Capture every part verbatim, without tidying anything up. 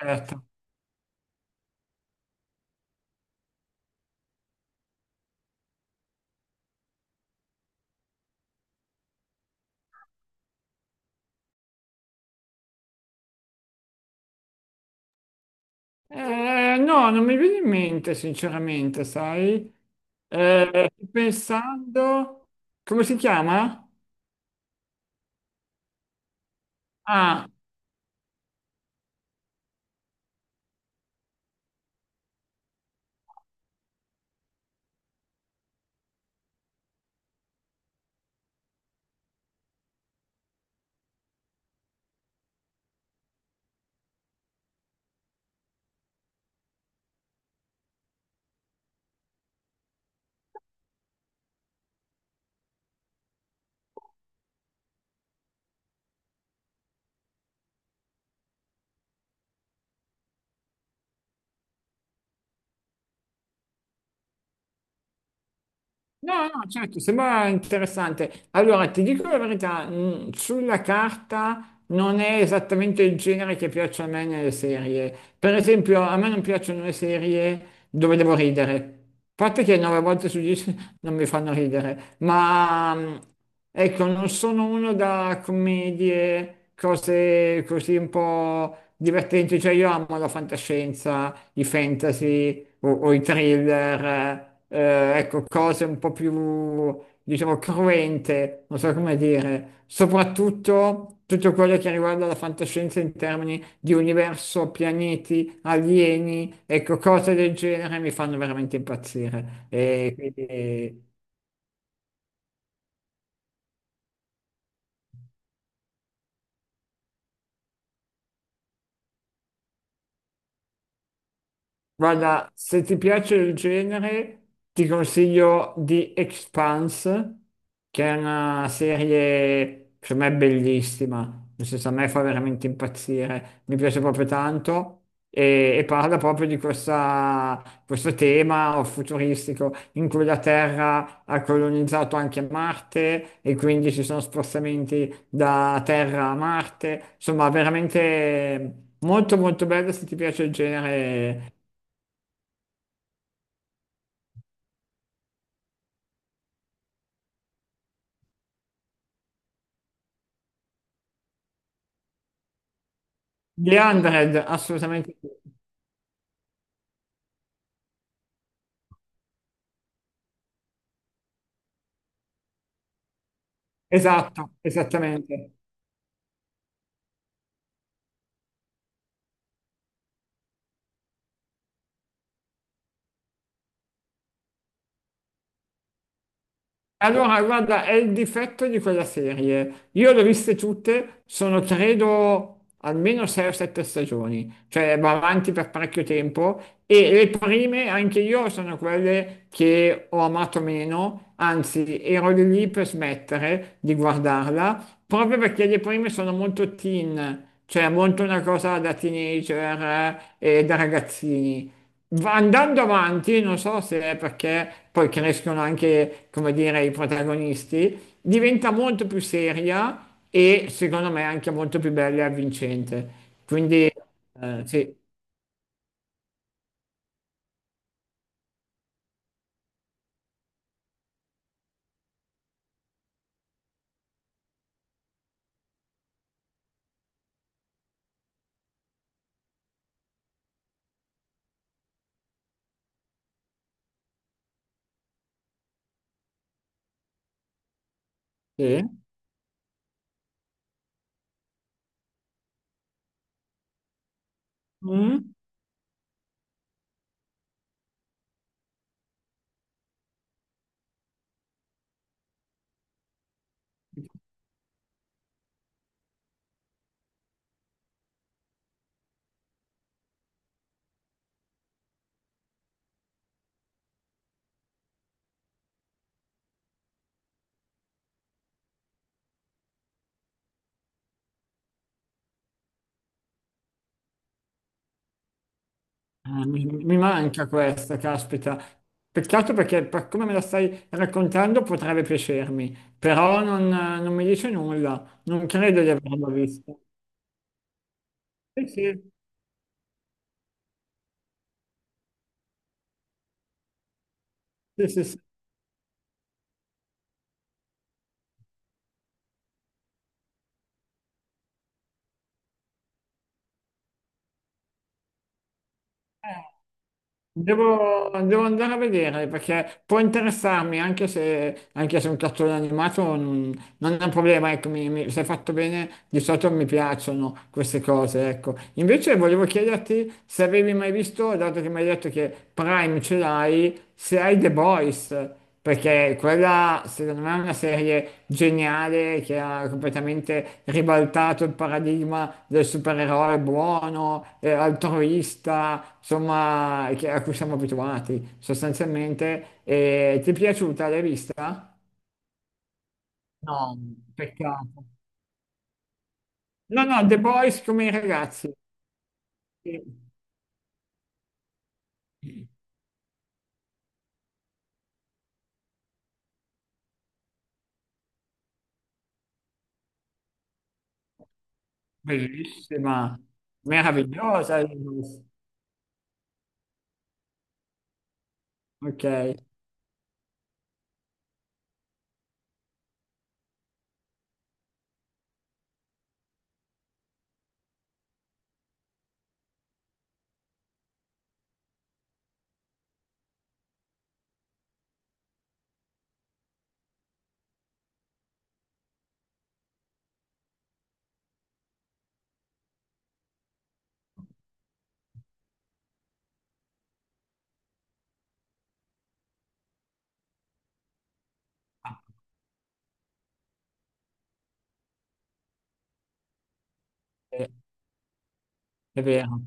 Certo. Eh, no, non mi viene in mente, sinceramente, sai? Eh, sto pensando, come si chiama? Ah, no, no, certo, sembra interessante. Allora, ti dico la verità, mh, sulla carta non è esattamente il genere che piace a me nelle serie. Per esempio, a me non piacciono le serie dove devo ridere. A parte che nove volte su dieci non mi fanno ridere, ma mh, ecco, non sono uno da commedie, cose così un po' divertenti. Cioè, io amo la fantascienza, i fantasy, o, o i thriller, eh, ecco, cose un po' più, diciamo, cruente, non so come dire, soprattutto tutto quello che riguarda la fantascienza in termini di universo, pianeti, alieni, ecco, cose del genere mi fanno veramente impazzire. E quindi. Guarda, se ti piace il genere, ti consiglio The Expanse, che è una serie, secondo me, bellissima. Nel senso, a me fa veramente impazzire, mi piace proprio tanto. E, e parla proprio di questa- questo tema futuristico in cui la Terra ha colonizzato anche Marte e quindi ci sono spostamenti da Terra a Marte. Insomma, veramente molto molto bello se ti piace il genere. The one hundred, assolutamente sì. Esatto, esattamente. Allora, guarda, è il difetto di quella serie. Io le ho viste tutte, sono credo almeno sei o sette stagioni, cioè va avanti per parecchio tempo e le prime anche io sono quelle che ho amato meno, anzi ero lì lì per smettere di guardarla, proprio perché le prime sono molto teen, cioè molto una cosa da teenager eh, e da ragazzini. Va- Andando avanti, non so se è perché poi crescono anche, come dire, i protagonisti, diventa molto più seria e secondo me anche molto più bella e avvincente. Quindi, eh, sì, sì. Mm. Eh, mi, mi manca questa, caspita. Peccato perché per come me la stai raccontando potrebbe piacermi, però non, non mi dice nulla, non credo di averla vista. Sì, sì, sì, sì, sì. Eh, Devo, devo andare a vedere perché può interessarmi anche se, anche se un cartone animato non, non è un problema, ecco, mi, mi- se fatto bene di solito mi piacciono queste cose, ecco. Invece volevo chiederti se avevi mai visto, dato che mi hai detto che Prime ce l'hai, se hai The Boys, perché quella, secondo me, è una serie geniale che ha completamente ribaltato il paradigma del supereroe buono, eh, altruista, insomma, che- a cui siamo abituati sostanzialmente. E ti è piaciuta? L'hai vista? No, peccato. No, no, The Boys come i ragazzi. Sì. Bellissima, meravigliosa. Ok, è è vero.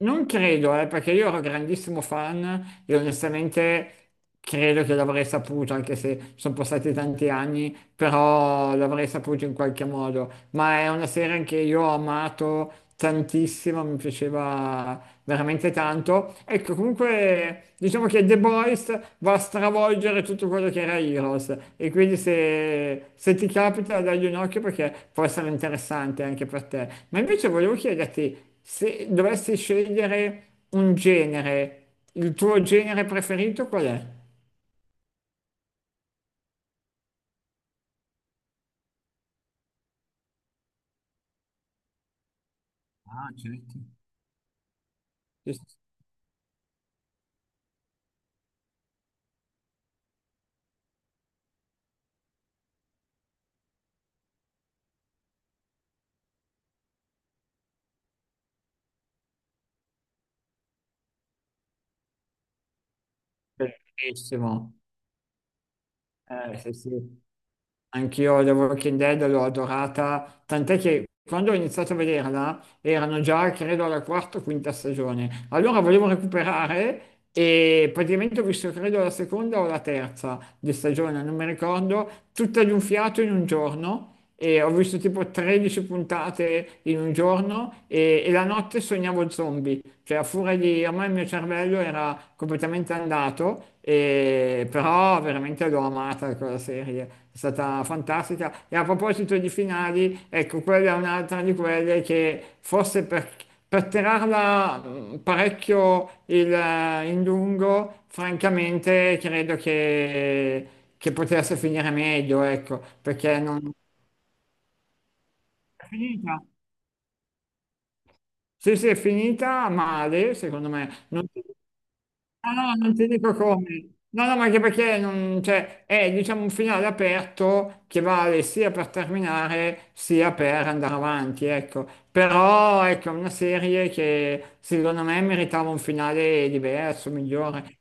Non credo, eh, perché io ero grandissimo fan e onestamente credo che l'avrei saputo, anche se sono passati tanti anni, però l'avrei saputo in qualche modo. Ma è una serie che io ho amato tantissimo, mi piaceva veramente tanto. Ecco, comunque diciamo che The Boys va a stravolgere tutto quello che era Heroes e quindi se, se ti capita dagli un occhio perché può essere interessante anche per te. Ma invece volevo chiederti se dovessi scegliere un genere, il tuo genere preferito qual è? Ah, certo. Bellissimo. Eh, sì, sì. Anch'io The Walking Dead l'ho adorata, tant'è che quando ho iniziato a vederla erano già, credo, alla quarta o quinta stagione. Allora volevo recuperare e praticamente ho visto, credo, la seconda o la terza di stagione, non mi ricordo, tutta di un fiato in un giorno e ho visto tipo tredici puntate in un giorno e, e la notte sognavo zombie, cioè a furia di, ormai il mio cervello era completamente andato, e- però veramente l'ho amata quella serie, è stata fantastica. E a proposito di finali, ecco, quella è un'altra di quelle che forse per, per tirarla mh, parecchio il- eh, in lungo, francamente credo che che potesse finire meglio, ecco, perché non, è finita. Sì, sì, è finita male, secondo me. Non ti, no, no, non ti dico come. No, no, ma anche perché non- cioè, è diciamo, un finale aperto che vale sia per terminare sia per andare avanti, ecco. Però ecco, è una serie che secondo me meritava un finale diverso, migliore.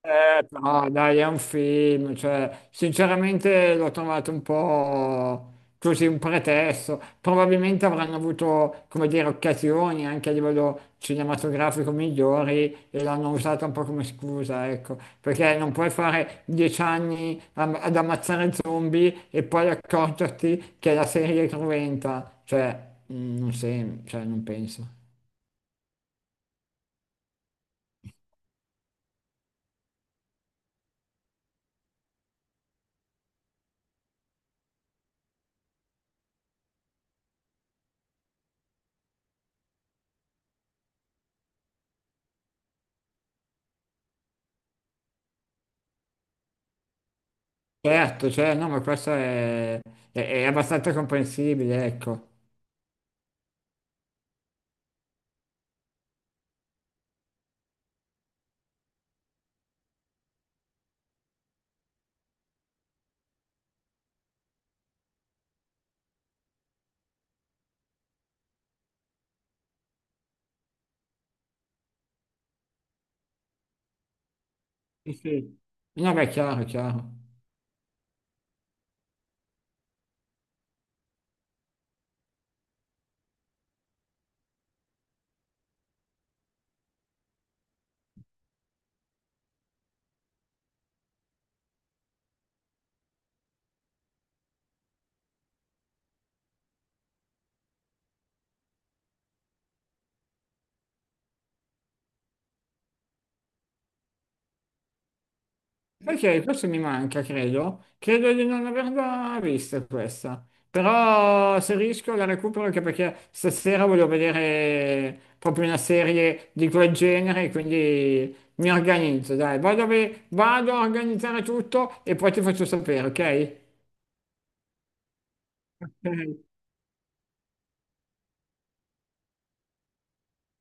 Eh, no, dai, è un film, cioè, sinceramente l'ho trovato un po' così un pretesto. Probabilmente avranno avuto, come dire, occasioni anche a livello cinematografico migliori e l'hanno usata un po' come scusa, ecco, perché non puoi fare dieci anni am- ad ammazzare zombie e poi accorgerti che la serie è cruenta, cioè, mm, non sem- cioè, non penso. Certo, cioè, no, ma questo è, è- è abbastanza comprensibile, ecco. Sì, sì. No, beh, è chiaro, è chiaro. Sai che questo mi manca, credo. Credo di non averla vista questa. Però se riesco la recupero anche perché stasera voglio vedere proprio una serie di quel genere, quindi mi organizzo, dai. Vado, a ve- vado a organizzare tutto e poi ti faccio sapere, ok? Ok.